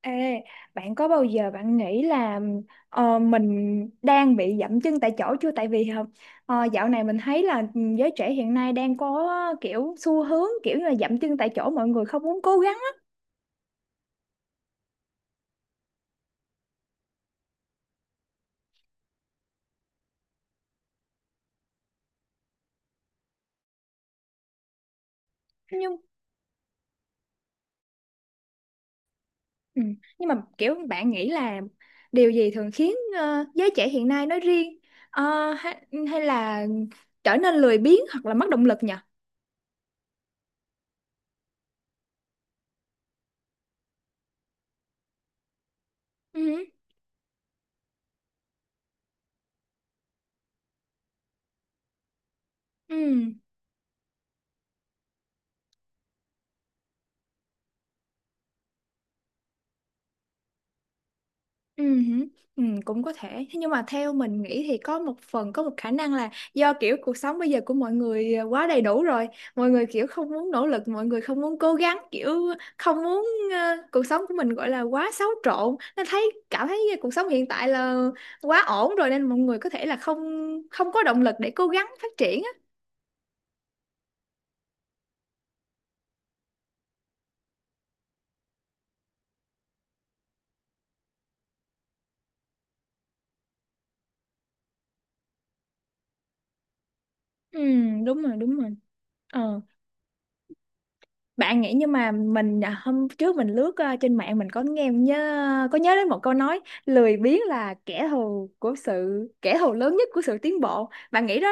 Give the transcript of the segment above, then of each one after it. Ê, bạn có bao giờ bạn nghĩ là mình đang bị dậm chân tại chỗ chưa? Tại vì dạo này mình thấy là giới trẻ hiện nay đang có kiểu xu hướng kiểu như là dậm chân tại chỗ, mọi người không muốn cố gắng á. Nhưng ừ, nhưng mà kiểu bạn nghĩ là điều gì thường khiến giới trẻ hiện nay nói riêng ờ, hay, hay là trở nên lười biếng hoặc là mất động lực nhỉ? Ừ, ừ. Ừ, hử, ừ, cũng có thể. Thế nhưng mà theo mình nghĩ thì có một phần, có một khả năng là do kiểu cuộc sống bây giờ của mọi người quá đầy đủ rồi, mọi người kiểu không muốn nỗ lực, mọi người không muốn cố gắng, kiểu không muốn cuộc sống của mình gọi là quá xáo trộn, nên thấy cảm thấy cuộc sống hiện tại là quá ổn rồi, nên mọi người có thể là không không có động lực để cố gắng phát triển á. Ừ, đúng rồi, đúng rồi. Ờ. Bạn nghĩ nhưng mà mình hôm trước mình lướt trên mạng, mình có nghe nhớ có nhớ đến một câu nói lười biếng là kẻ thù của sự kẻ thù lớn nhất của sự tiến bộ. Bạn nghĩ đó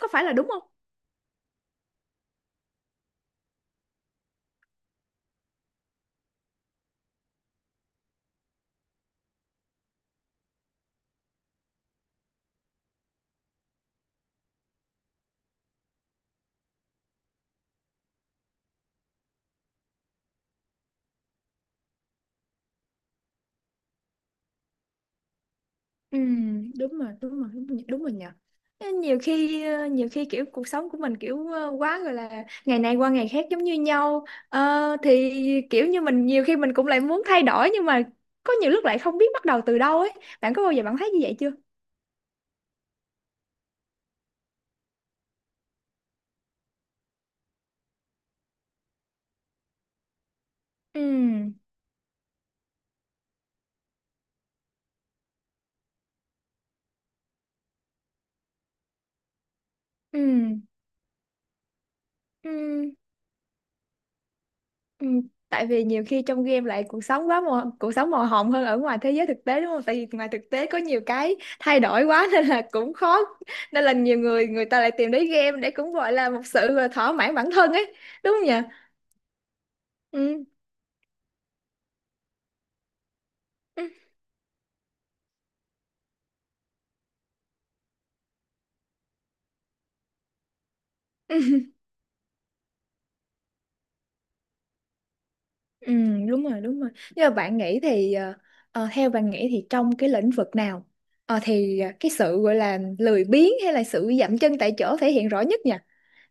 có phải là đúng không? Ừ, đúng rồi, đúng rồi, đúng rồi, đúng rồi nhỉ. Ê, nhiều khi nhiều khi kiểu cuộc sống của mình kiểu quá gọi là ngày này qua ngày khác giống như nhau. Ờ, thì kiểu như mình nhiều khi mình cũng lại muốn thay đổi, nhưng mà có nhiều lúc lại không biết bắt đầu từ đâu ấy. Bạn có bao giờ bạn thấy như vậy chưa? Ừ, ừ, ừ. Ừ, tại vì nhiều khi trong game lại cuộc sống quá màu, cuộc sống màu hồng hơn ở ngoài thế giới thực tế, đúng không? Tại vì ngoài thực tế có nhiều cái thay đổi quá nên là cũng khó, nên là nhiều người, người ta lại tìm đến game để cũng gọi là một sự là thỏa mãn bản thân ấy, đúng không nhỉ? Ừ. Ừ, ừ, đúng rồi, đúng rồi. Nhưng mà bạn nghĩ thì theo bạn nghĩ thì trong cái lĩnh vực nào cái sự gọi là lười biếng hay là sự dậm chân tại chỗ thể hiện rõ nhất nhỉ?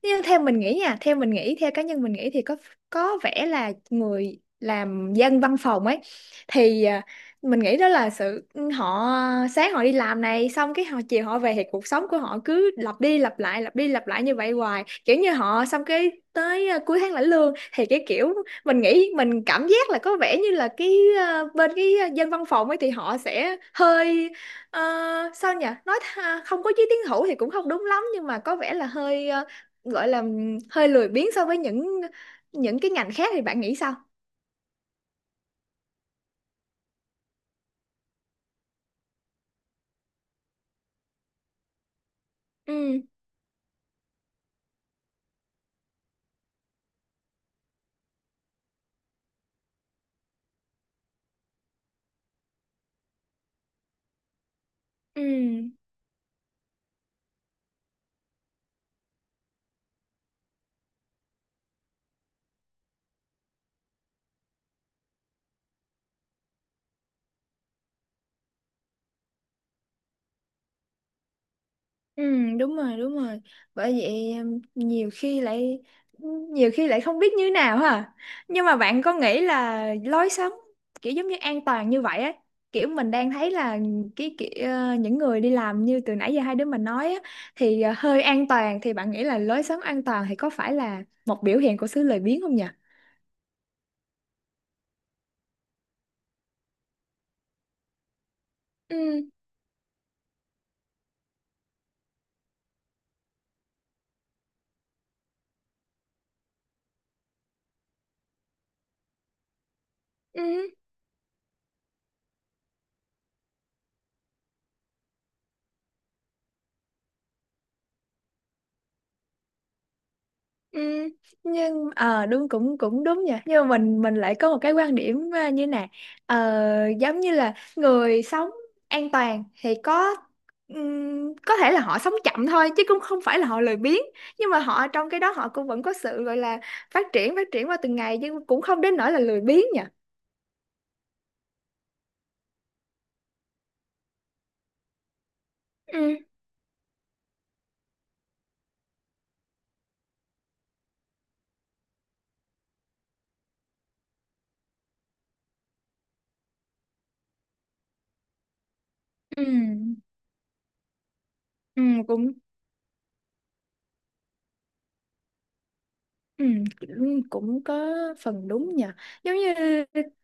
Nhưng theo mình nghĩ nha, theo mình nghĩ, theo cá nhân mình nghĩ thì có vẻ là người làm dân văn phòng ấy, thì mình nghĩ đó là sự ừ, họ sáng họ đi làm này, xong cái họ chiều họ về, thì cuộc sống của họ cứ lặp đi lặp lại, lặp đi lặp lại như vậy hoài, kiểu như họ xong cái tới cuối tháng lãnh lương, thì cái kiểu mình nghĩ, mình cảm giác là có vẻ như là cái bên cái dân văn phòng ấy thì họ sẽ hơi Ờ, sao nhỉ, nói không có chí tiến thủ thì cũng không đúng lắm, nhưng mà có vẻ là hơi gọi là hơi lười biếng so với những cái ngành khác, thì bạn nghĩ sao? Ừ, ừ, ừ, đúng rồi, đúng rồi, bởi vậy em nhiều khi lại không biết như nào ha. Nhưng mà bạn có nghĩ là lối sống kiểu giống như an toàn như vậy ấy, kiểu mình đang thấy là cái kiểu những người đi làm như từ nãy giờ hai đứa mình nói á, thì hơi an toàn, thì bạn nghĩ là lối sống an toàn thì có phải là một biểu hiện của sự lười biếng không nhỉ? Ừ, ừ. Ừ, nhưng ờ đúng, cũng cũng đúng nhỉ, nhưng mà mình lại có một cái quan điểm như này. Ờ, giống như là người sống an toàn thì có thể là họ sống chậm thôi, chứ cũng không phải là họ lười biếng, nhưng mà họ trong cái đó họ cũng vẫn có sự gọi là phát triển, phát triển qua từng ngày, chứ cũng không đến nỗi là lười biếng nhỉ. Ừ, ừ, ừ, cũng ừ, cũng cũng có phần đúng nhờ, giống như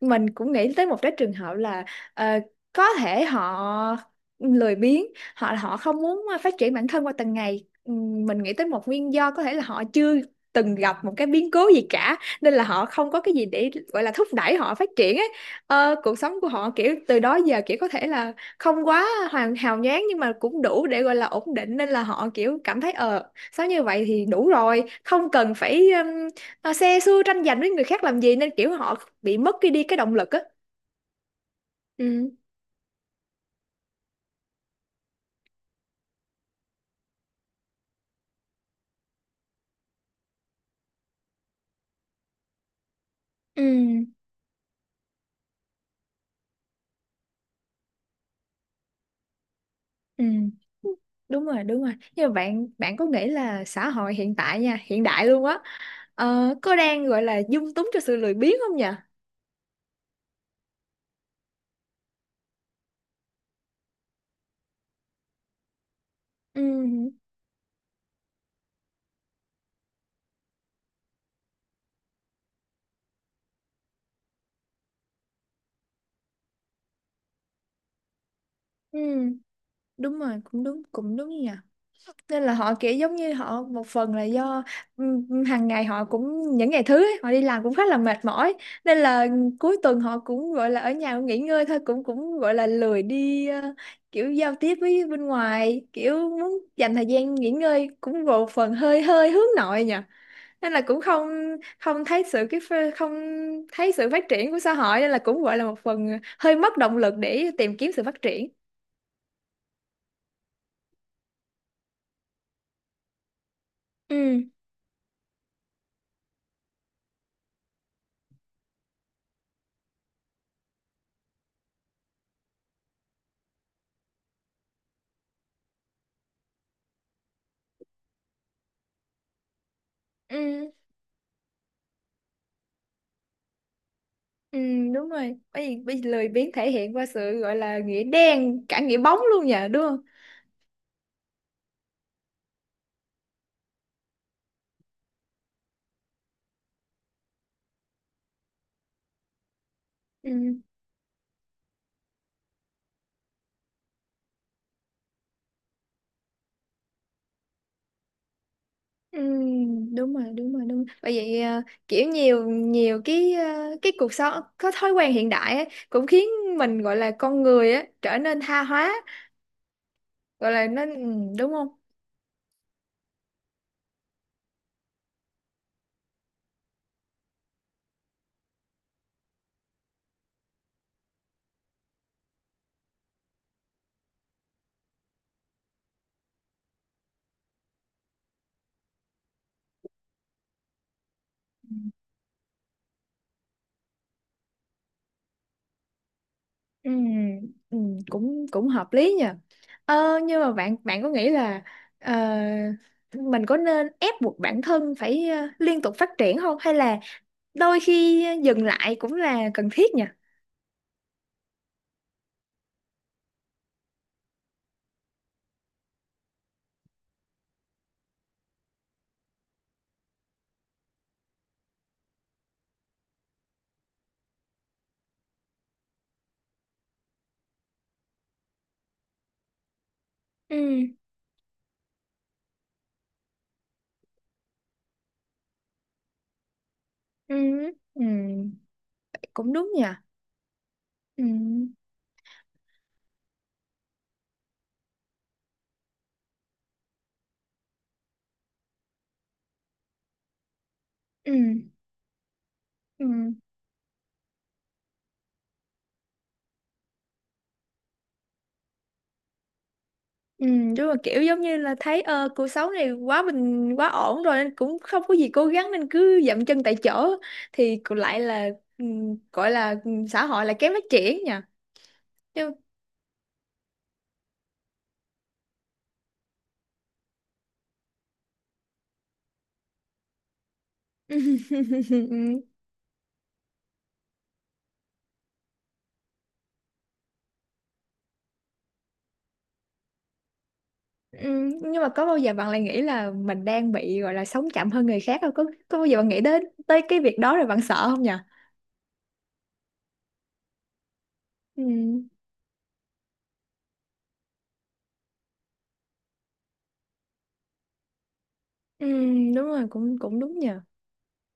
mình cũng nghĩ tới một cái trường hợp là ờ, có thể họ lười biếng, họ họ không muốn phát triển bản thân qua từng ngày. Ừ, mình nghĩ tới một nguyên do có thể là họ chưa từng gặp một cái biến cố gì cả, nên là họ không có cái gì để gọi là thúc đẩy họ phát triển ấy. Ờ, cuộc sống của họ kiểu từ đó giờ kiểu có thể là không quá hoàn hào nhoáng, nhưng mà cũng đủ để gọi là ổn định, nên là họ kiểu cảm thấy ờ sao như vậy thì đủ rồi, không cần phải xe xưa tranh giành với người khác làm gì, nên kiểu họ bị mất cái đi cái động lực á. Ừ, ừ, ừ, đúng rồi, đúng rồi. Nhưng mà bạn bạn có nghĩ là xã hội hiện tại nha, hiện đại luôn á, có đang gọi là dung túng cho sự lười biếng không nhỉ? Ừ, ừ, đúng rồi, cũng đúng, cũng đúng nhỉ. Nên là họ kiểu giống như họ một phần là do hàng ngày họ cũng những ngày thứ ấy, họ đi làm cũng khá là mệt mỏi, nên là cuối tuần họ cũng gọi là ở nhà nghỉ ngơi thôi, cũng cũng gọi là lười đi kiểu giao tiếp với bên ngoài, kiểu muốn dành thời gian nghỉ ngơi, cũng một phần hơi hơi hướng nội nhỉ. Nên là cũng không không thấy sự cái không thấy sự phát triển của xã hội, nên là cũng gọi là một phần hơi mất động lực để tìm kiếm sự phát triển. Ừ. Ừ, ừ, đúng rồi. Bởi vì lười biếng thể hiện qua sự gọi là nghĩa đen, cả nghĩa bóng luôn nhờ, đúng không? Ừ. Ừ, đúng rồi, đúng rồi, đúng rồi. Bởi vậy kiểu nhiều nhiều cái cái cuộc sống có thói quen hiện đại ấy, cũng khiến mình gọi là con người á trở nên tha hóa, gọi là nó ừ, đúng không? Ừ, ừ, cũng cũng hợp lý nhờ. Ờ, nhưng mà bạn bạn có nghĩ là ờ, mình có nên ép buộc bản thân phải liên tục phát triển không, hay là đôi khi dừng lại cũng là cần thiết nhỉ. Ừ, ừ, ừ, cũng đúng nhỉ. Ừ, ừ, ừ, ừ, đúng là kiểu giống như là thấy cuộc sống này quá bình, quá ổn rồi nên cũng không có gì cố gắng, nên cứ dậm chân tại chỗ thì cũng lại là ừ, gọi là ừ, xã hội là kém phát triển nhỉ. Nhưng ừ, nhưng mà có bao giờ bạn lại nghĩ là mình đang bị gọi là sống chậm hơn người khác không? Có bao giờ bạn nghĩ đến tới cái việc đó rồi bạn sợ không nhỉ? Ừ. Ừ, đúng rồi, cũng cũng đúng nhờ.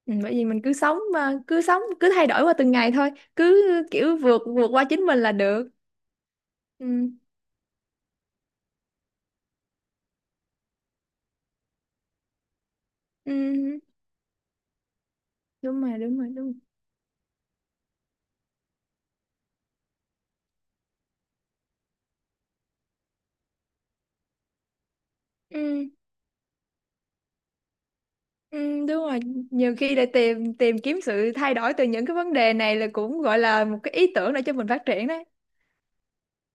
Ừ, bởi vì mình cứ sống mà cứ sống cứ thay đổi qua từng ngày thôi, cứ kiểu vượt vượt qua chính mình là được. Ừ, ừ, đúng rồi, đúng rồi, đúng rồi. Ừ, ừ, đúng rồi, nhiều khi để tìm tìm kiếm sự thay đổi từ những cái vấn đề này là cũng gọi là một cái ý tưởng để cho mình phát triển đấy.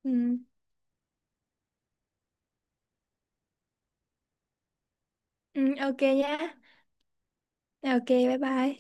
Ừ, ừ, ok nha. Ok, bye bye.